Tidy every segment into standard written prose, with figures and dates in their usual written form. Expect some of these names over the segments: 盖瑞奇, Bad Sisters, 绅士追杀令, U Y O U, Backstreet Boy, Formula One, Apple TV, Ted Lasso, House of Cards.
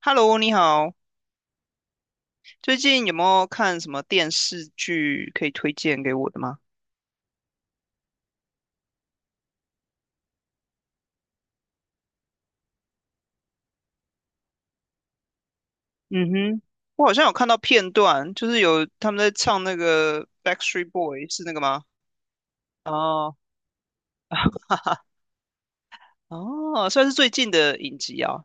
Hello，你好，最近有没有看什么电视剧可以推荐给我的吗？嗯哼，我好像有看到片段，就是有他们在唱那个《Backstreet Boy》，是那个吗？哦，哈哈，哦，算是最近的影集啊。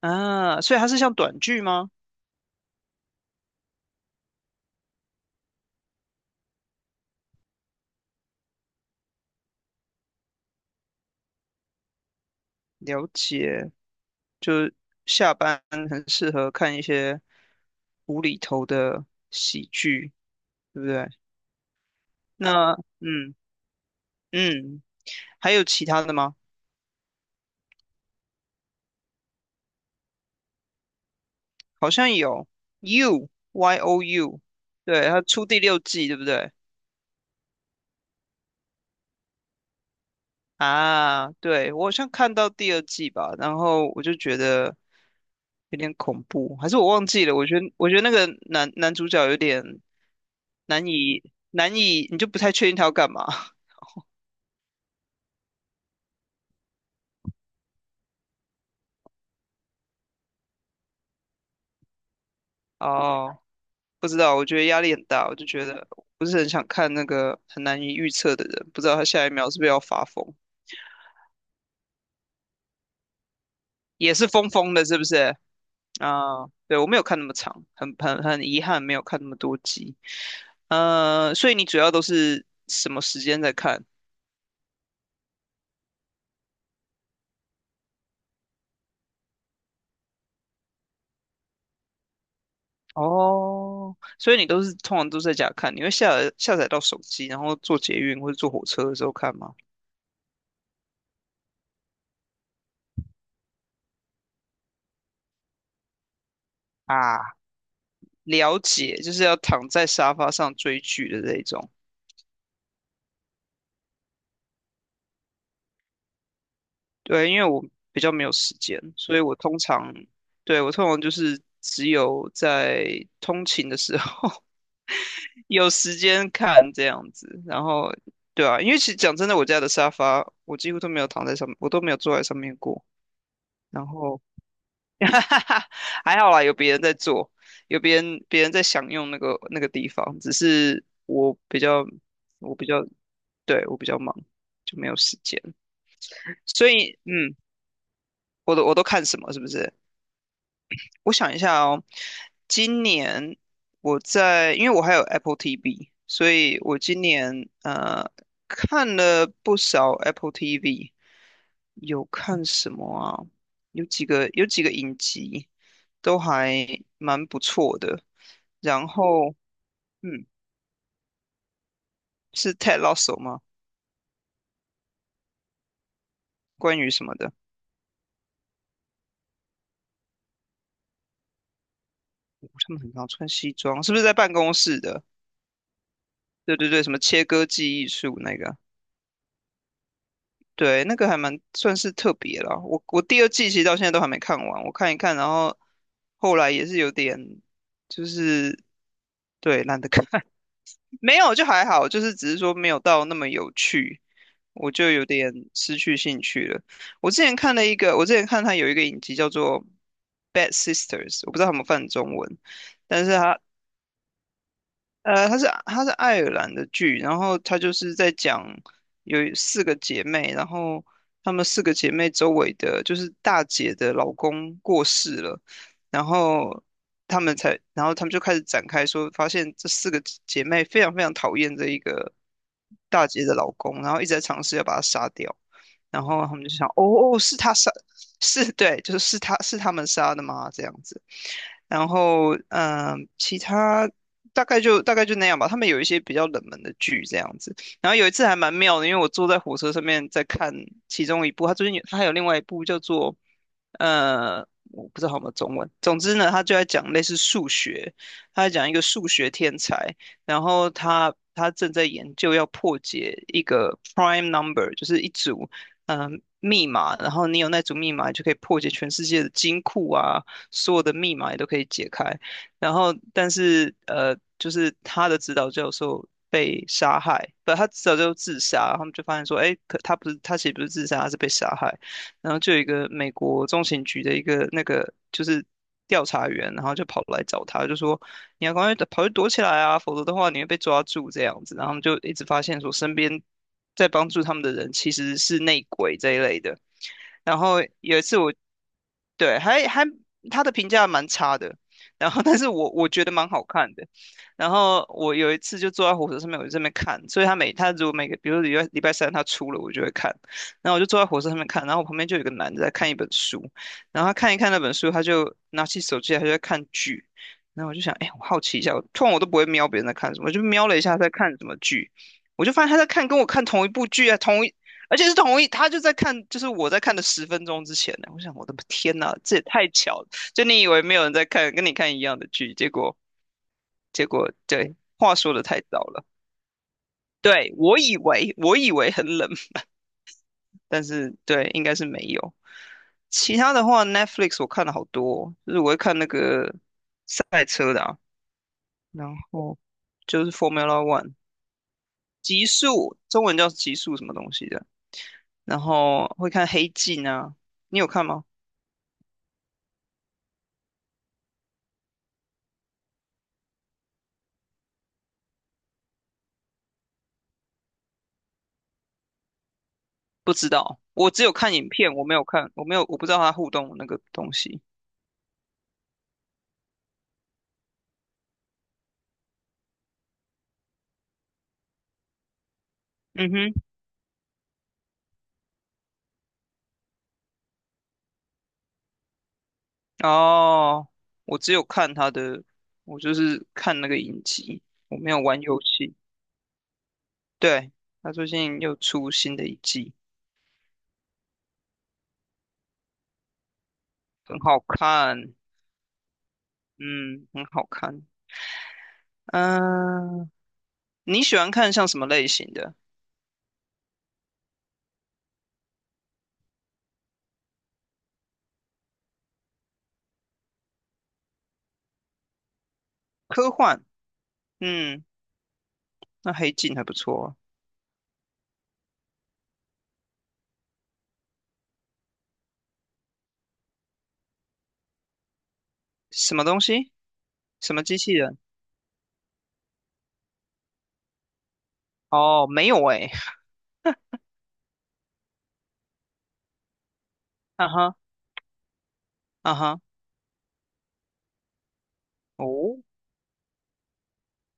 啊，所以它是像短剧吗？了解，就下班很适合看一些无厘头的喜剧，对不对？那，嗯嗯，还有其他的吗？好像有 U Y O U，对，他出第六季，对不对？啊，对，我好像看到第二季吧，然后我就觉得有点恐怖，还是我忘记了？我觉得那个男主角有点难以难以，你就不太确定他要干嘛。哦，不知道，我觉得压力很大，我就觉得不是很想看那个很难以预测的人，不知道他下一秒是不是要发疯，也是疯疯的，是不是？啊，对，我没有看那么长，很遗憾没有看那么多集。所以你主要都是什么时间在看？哦，所以你都是通常都在家看，你会下载到手机，然后坐捷运或者坐火车的时候看吗？啊，了解，就是要躺在沙发上追剧的这一种。对，因为我比较没有时间，所以我通常，对，我通常就是只有在通勤的时候，有时间看这样子。然后对啊，因为其实讲真的，我家的沙发我几乎都没有躺在上面，我都没有坐在上面过。然后 还好啦，有别人在坐，有别人在享用那个地方，只是我比较对我比较忙，就没有时间。所以嗯，我都看什么是不是？我想一下哦，今年我在，因为我还有 Apple TV，所以我今年看了不少 Apple TV，有看什么啊？有几个影集都还蛮不错的。然后，嗯，是 Ted Lasso 吗？关于什么的？他们很常穿西装，是不是在办公室的？对对对，什么切割记忆术那个？对，那个还蛮算是特别啦。我第二季其实到现在都还没看完，我看一看，然后后来也是有点，就是对懒得看。没有就还好，就是只是说没有到那么有趣，我就有点失去兴趣了。我之前看了一个，我之前看它有一个影集叫做《Bad Sisters》，我不知道他们翻中文，但是它它是爱尔兰的剧，然后它就是在讲有四个姐妹，然后她们四个姐妹周围的，就是大姐的老公过世了，然后她们才，然后她们就开始展开说，发现这四个姐妹非常讨厌这一个大姐的老公，然后一直在尝试要把她杀掉，然后她们就想，哦哦，是她杀，是对，就是是她们杀的吗？这样子。然后，嗯、其他大概就那样吧。他们有一些比较冷门的剧这样子。然后有一次还蛮妙的，因为我坐在火车上面在看其中一部，他最近有他还有另外一部叫做呃，我不知道有没有中文。总之呢，他就在讲类似数学，他在讲一个数学天才，然后他正在研究要破解一个 prime number，就是一组嗯。呃密码，然后你有那组密码，你就可以破解全世界的金库啊，所有的密码也都可以解开。然后但是就是他的指导教授被杀害，不，他指导教授自杀，他们就发现说，哎，可他不是他其实不是自杀，他是被杀害。然后就有一个美国中情局的一个那个就是调查员，然后就跑来找他，就说你要赶快跑去躲起来啊，否则的话你会被抓住这样子。然后他们就一直发现说，身边在帮助他们的人其实是内鬼这一类的。然后有一次，我对，他的评价蛮差的，然后但是我觉得蛮好看的。然后我有一次就坐在火车上面，我就在那边看，所以他每他如果每个，比如说礼拜三他出了，我就会看。然后我就坐在火车上面看，然后我旁边就有一个男的在看一本书，然后他看一看那本书，他就拿起手机来他就在看剧。然后我就想，哎，我好奇一下，我通常我都不会瞄别人在看什么，我就瞄了一下他在看什么剧，我就发现他在看跟我看同一部剧啊，同一。而且是同一，他就在看，就是我在看的十分钟之前呢。我想，我的天呐，这也太巧了！就你以为没有人在看，跟你看一样的剧，结果对，话说的太早了。对，我以为很冷，但是对，应该是没有。其他的话，Netflix 我看了好多哦就是我会看那个赛车的啊，然后就是 Formula One 极速，中文叫极速什么东西的，然后会看黑镜啊，你有看吗？不知道，我只有看影片，我没有看，我没有，我不知道他互动的那个东西。嗯哼，哦，我只有看他的，我就是看那个影集，我没有玩游戏。对，他最近又出新的一季，很好看。嗯，很好看。嗯、你喜欢看像什么类型的？科幻，嗯，那黑镜还不错啊什么东西？什么机器人？哦，没有诶、啊哈，啊哈，哦，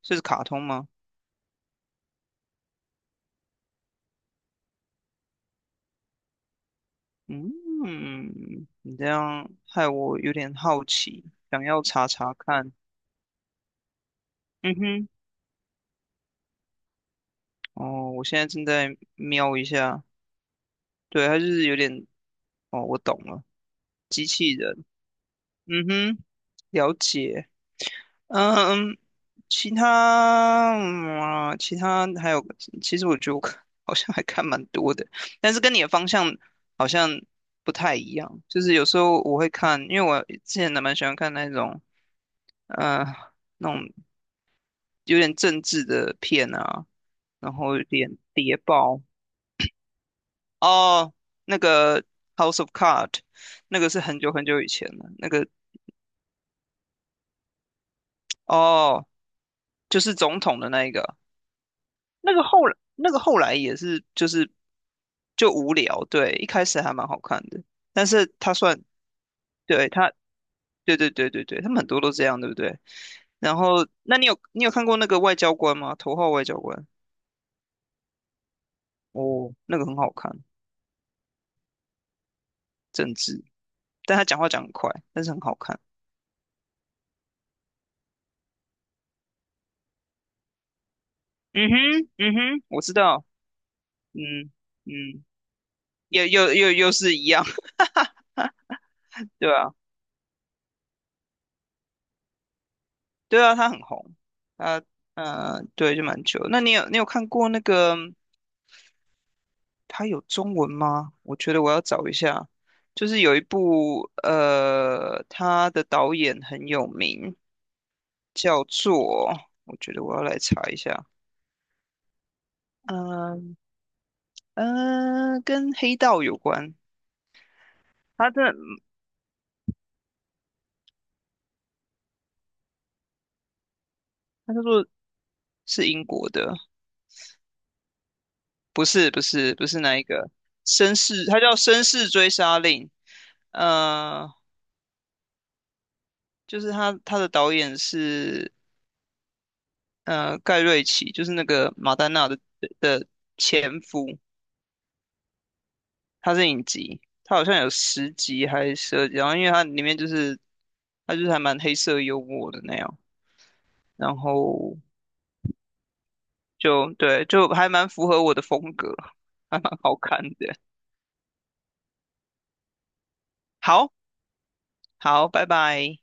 这是卡通吗？嗯，你这样害我有点好奇，想要查查看。嗯哼，哦，我现在正在瞄一下，对，它就是有点，哦，我懂了，机器人。嗯哼，了解。嗯，其他，嗯啊，其他还有，其实我觉得我看 好像还看蛮多的，但是跟你的方向好像不太一样。就是有时候我会看，因为我之前还蛮喜欢看那种，呃。那种有点政治的片啊，然后有点谍报哦，那个 House of Cards，那个是很久以前的，那个哦，就是总统的那一个，那个后来那个后来也是就是就无聊，对，一开始还蛮好看的，但是他算对他，对，他们很多都这样，对不对？然后，那你有你看过那个外交官吗？头号外交官，哦，那个很好看，政治，但他讲话讲很快，但是很好看。嗯哼，嗯哼，我知道，嗯嗯，又是一样，对啊，对啊，他很红，啊对，就蛮久那你有你看过那个他有中文吗？我觉得我要找一下，就是有一部他的导演很有名，叫做我觉得我要来查一下，嗯、呃、跟黑道有关，他的他叫做是英国的，不是那一个绅士，他叫《绅士追杀令》。呃，就是他的导演是盖瑞奇，就是那个马丹娜的的前夫，他是影集，他好像有十集还是十二集，然后因为他里面就是他就是还蛮黑色幽默的那样，然后就对就还蛮符合我的风格，还蛮好看的。好，好，拜拜。